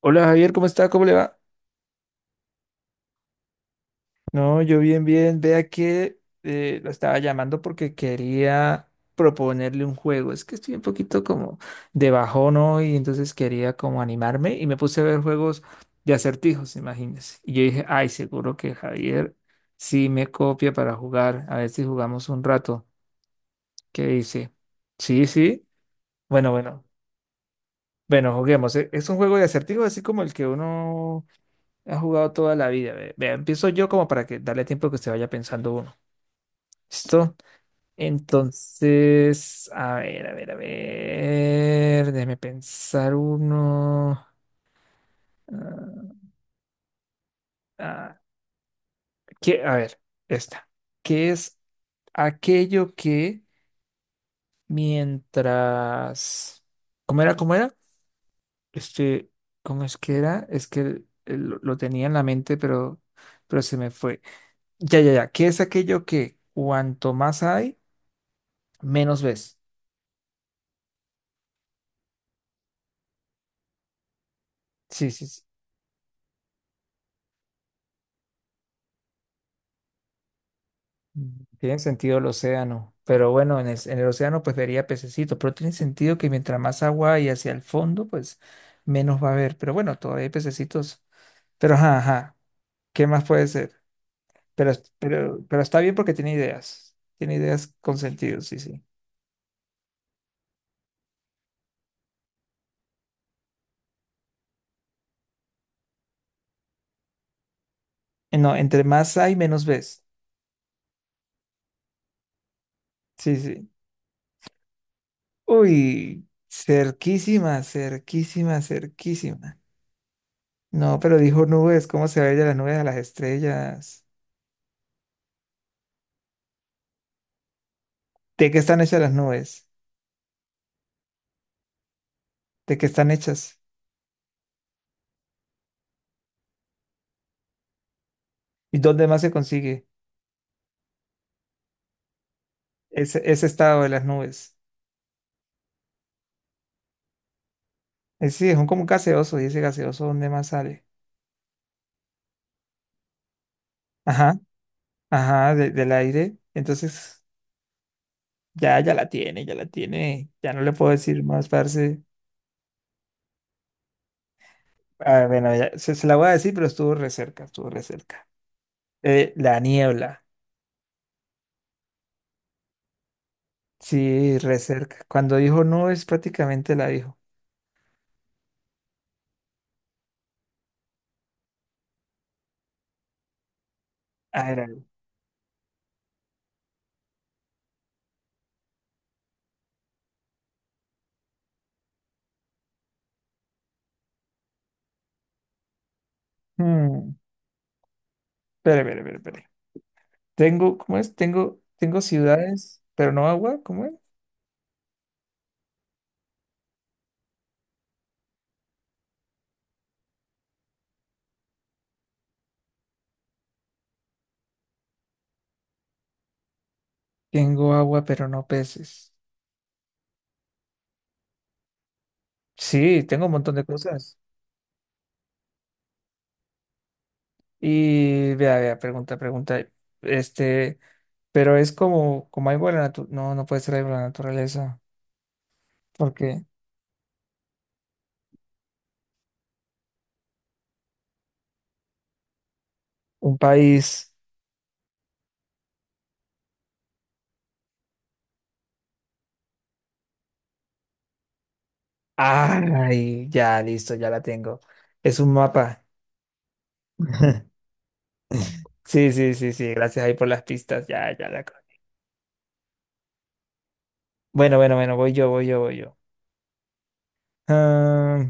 Hola Javier, ¿cómo está? ¿Cómo le va? No, yo bien, bien. Vea que lo estaba llamando porque quería proponerle un juego. Es que estoy un poquito como de bajón hoy, entonces quería como animarme y me puse a ver juegos de acertijos, imagínese. Y yo dije, ay, seguro que Javier sí me copia para jugar. A ver si jugamos un rato. ¿Qué dice? Sí, sí. Bueno, bueno. Bueno, juguemos. Es un juego de acertijos así como el que uno ha jugado toda la vida. Vea, empiezo yo como para que darle tiempo que se vaya pensando uno. ¿Listo? Entonces, a ver, a ver, a ver. Déjeme pensar uno. Ah, ah, ¿qué? A ver, esta. ¿Qué es aquello que mientras... ¿Cómo era? ¿Cómo era? Este, ¿cómo es que era? Es que lo tenía en la mente, pero se me fue. Ya, ya, ya. ¿Qué es aquello que cuanto más hay? Menos ves. Sí, sí, sí. Mm, tiene sentido el océano. Pero bueno, en el océano pues vería pececitos. Pero tiene sentido que mientras más agua hay hacia el fondo, pues menos va a haber. Pero bueno, todavía hay pececitos. Pero ajá, ajá. ¿Qué más puede ser? Pero, pero está bien porque tiene ideas. Tiene ideas con sentido, sí, sí. No, entre más hay, menos ves. Sí, sí. Uy, cerquísima, cerquísima, cerquísima. No, pero dijo nubes. ¿Cómo se va a ir de las nubes a las estrellas? ¿De qué están hechas las nubes? ¿De qué están hechas? ¿Y dónde más se consigue ese, ese estado de las nubes? Es decir, es un como un gaseoso, y ese gaseoso, ¿dónde más sale? Ajá, ajá, del aire. Entonces, ya, ya la tiene, ya la tiene. Ya no le puedo decir más, parce. Ah, bueno, ya, se la voy a decir, pero estuvo re cerca, estuvo re cerca. La niebla. Sí, re cerca. Cuando dijo nubes, prácticamente la dijo. Ah, era. Hmm. Espere, espere, espere, espere. Tengo, ¿cómo es? Tengo, tengo ciudades, pero no agua, ¿cómo es? Tengo agua, pero no peces. Sí, tengo un montón de cosas. Y vea, vea, pregunta, pregunta. Este, pero es como, como hay la naturaleza. No, no puede ser algo de la naturaleza. Porque un país. Ay, ya, listo, ya la tengo. Es un mapa. Sí, sí, sí, sí. Gracias ahí por las pistas. Bueno, bueno, bueno, voy yo, voy yo, voy yo. Ah,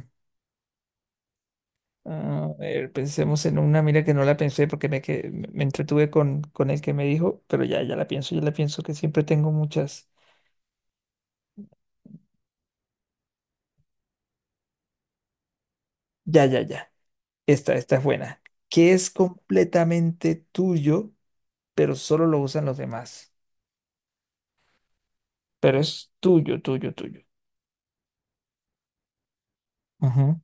ah, a ver, pensemos en una, mira que no la pensé porque me, que, me entretuve con el que me dijo, pero ya, ya la pienso que siempre tengo muchas. Ya, ya, ya. Esta es buena. Que es completamente tuyo, pero solo lo usan los demás. Pero es tuyo, tuyo, tuyo. Ujú.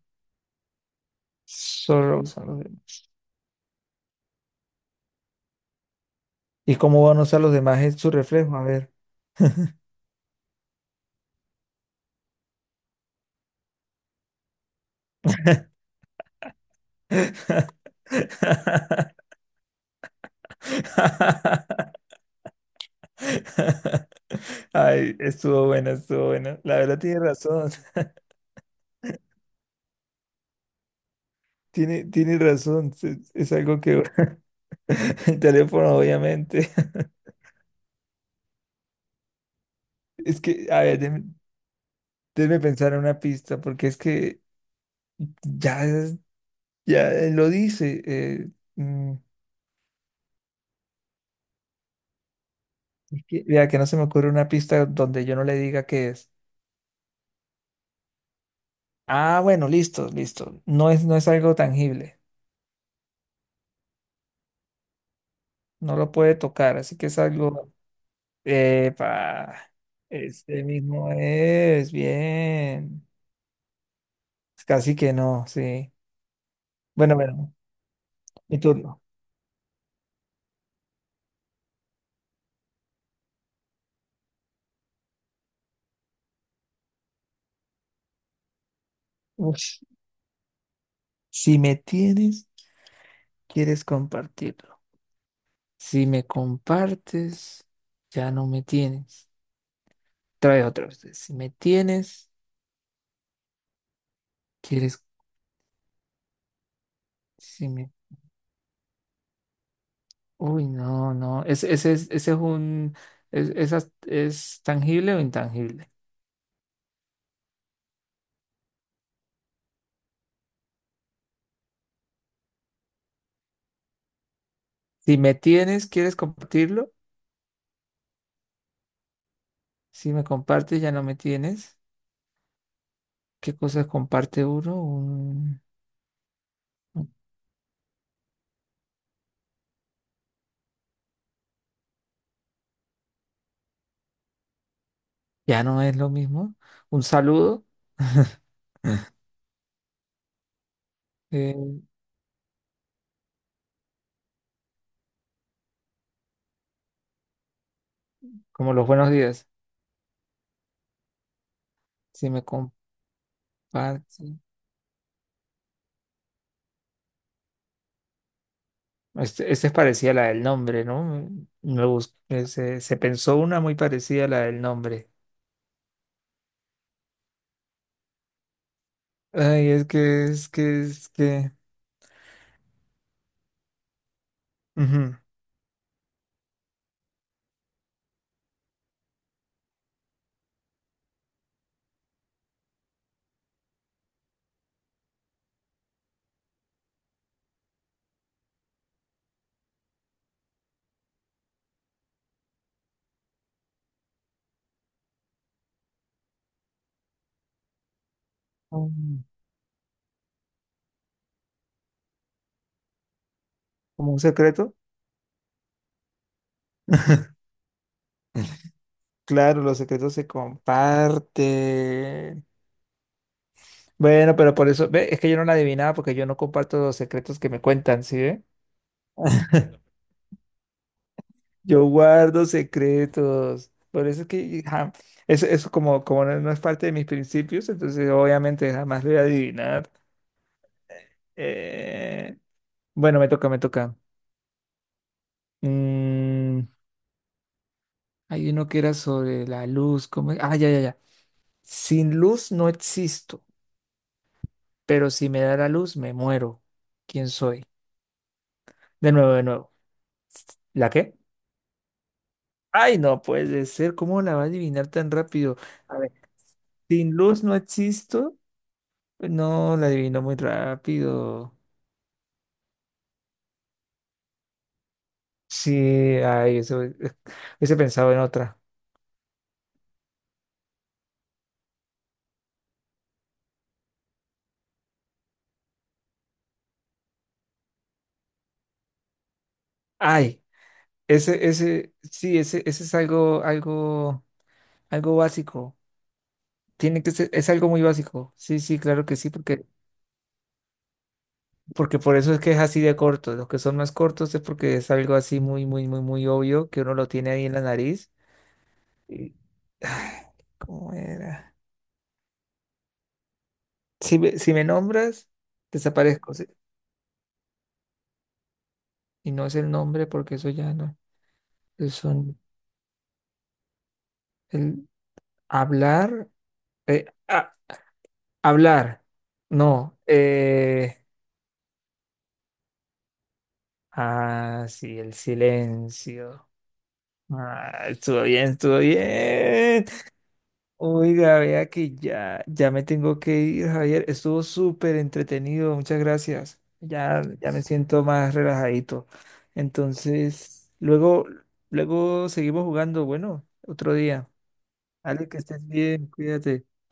Solo lo usan los demás. ¿Y cómo van a usar los demás es su reflejo? A ver. Ay, estuvo buena, estuvo buena. La verdad tiene razón. Tiene, tiene razón. Es algo que... El teléfono, obviamente. Es que, a ver, déme pensar en una pista, porque es que ya, ya lo dice. Mm, es que- vea, que no se me ocurre una pista donde yo no le diga qué es. Ah, bueno, listo, listo. No es, no es algo tangible. No lo puede tocar, así que es algo. Epa, este mismo es, bien. Casi que no, sí. Bueno, bueno, mi turno. Uf, si me tienes, quieres compartirlo. Si me compartes, ya no me tienes. Trae otra vez. Si me tienes, quieres. Si me. Uy, no, no. Ese es un. Es, esa- ¿Es tangible o intangible? Si me tienes, quieres compartirlo. Si me compartes, ya no me tienes. ¿Qué cosas comparte uno? Un... Ya no es lo mismo. Un saludo, eh, como los buenos días. Si me comparte. Este es parecida a la del nombre, ¿no? Se, se pensó una muy parecida a la del nombre. Ay, es que, es que, es que. Ujú. Um, ¿Como un secreto? Claro, los secretos se comparten. Bueno, pero por eso, ve, es que yo no la adivinaba porque yo no comparto los secretos que me cuentan, ¿sí ve? Yo guardo secretos. Por eso es que ja, eso como, como no, no es parte de mis principios, entonces obviamente jamás lo voy a adivinar. Eh, bueno, me toca, me toca. Mm, hay uno que era sobre la luz. ¿Cómo es? Ah, ya, ya, ya. Sin luz no existo, pero si me da la luz me muero. ¿Quién soy? De nuevo, de nuevo. ¿La qué? Ay, no puede ser. ¿Cómo la va a adivinar tan rápido? A ver, sin luz no existo. No, la adivinó muy rápido. Sí, ay, eso, hubiese pensado en otra. Ay, ese, sí, ese es algo, algo, algo básico. Tiene que ser, es algo muy básico. Sí, sí, claro que sí, porque, porque por eso es que es así de corto. Los que son más cortos es porque es algo así muy, muy, muy, muy obvio que uno lo tiene ahí en la nariz. Y, ¿cómo era? Si me, si me nombras, desaparezco. Sí. Y no es el nombre porque eso ya no. Son el hablar. Eh, ah, hablar. No. Ah, sí, el silencio. Ah, estuvo bien, estuvo bien. Oiga, vea que ya, ya me tengo que ir, Javier. Estuvo súper entretenido. Muchas gracias. Ya, ya me siento más relajadito. Entonces, luego, luego seguimos jugando. Bueno, otro día. Ale, que estés bien, cuídate.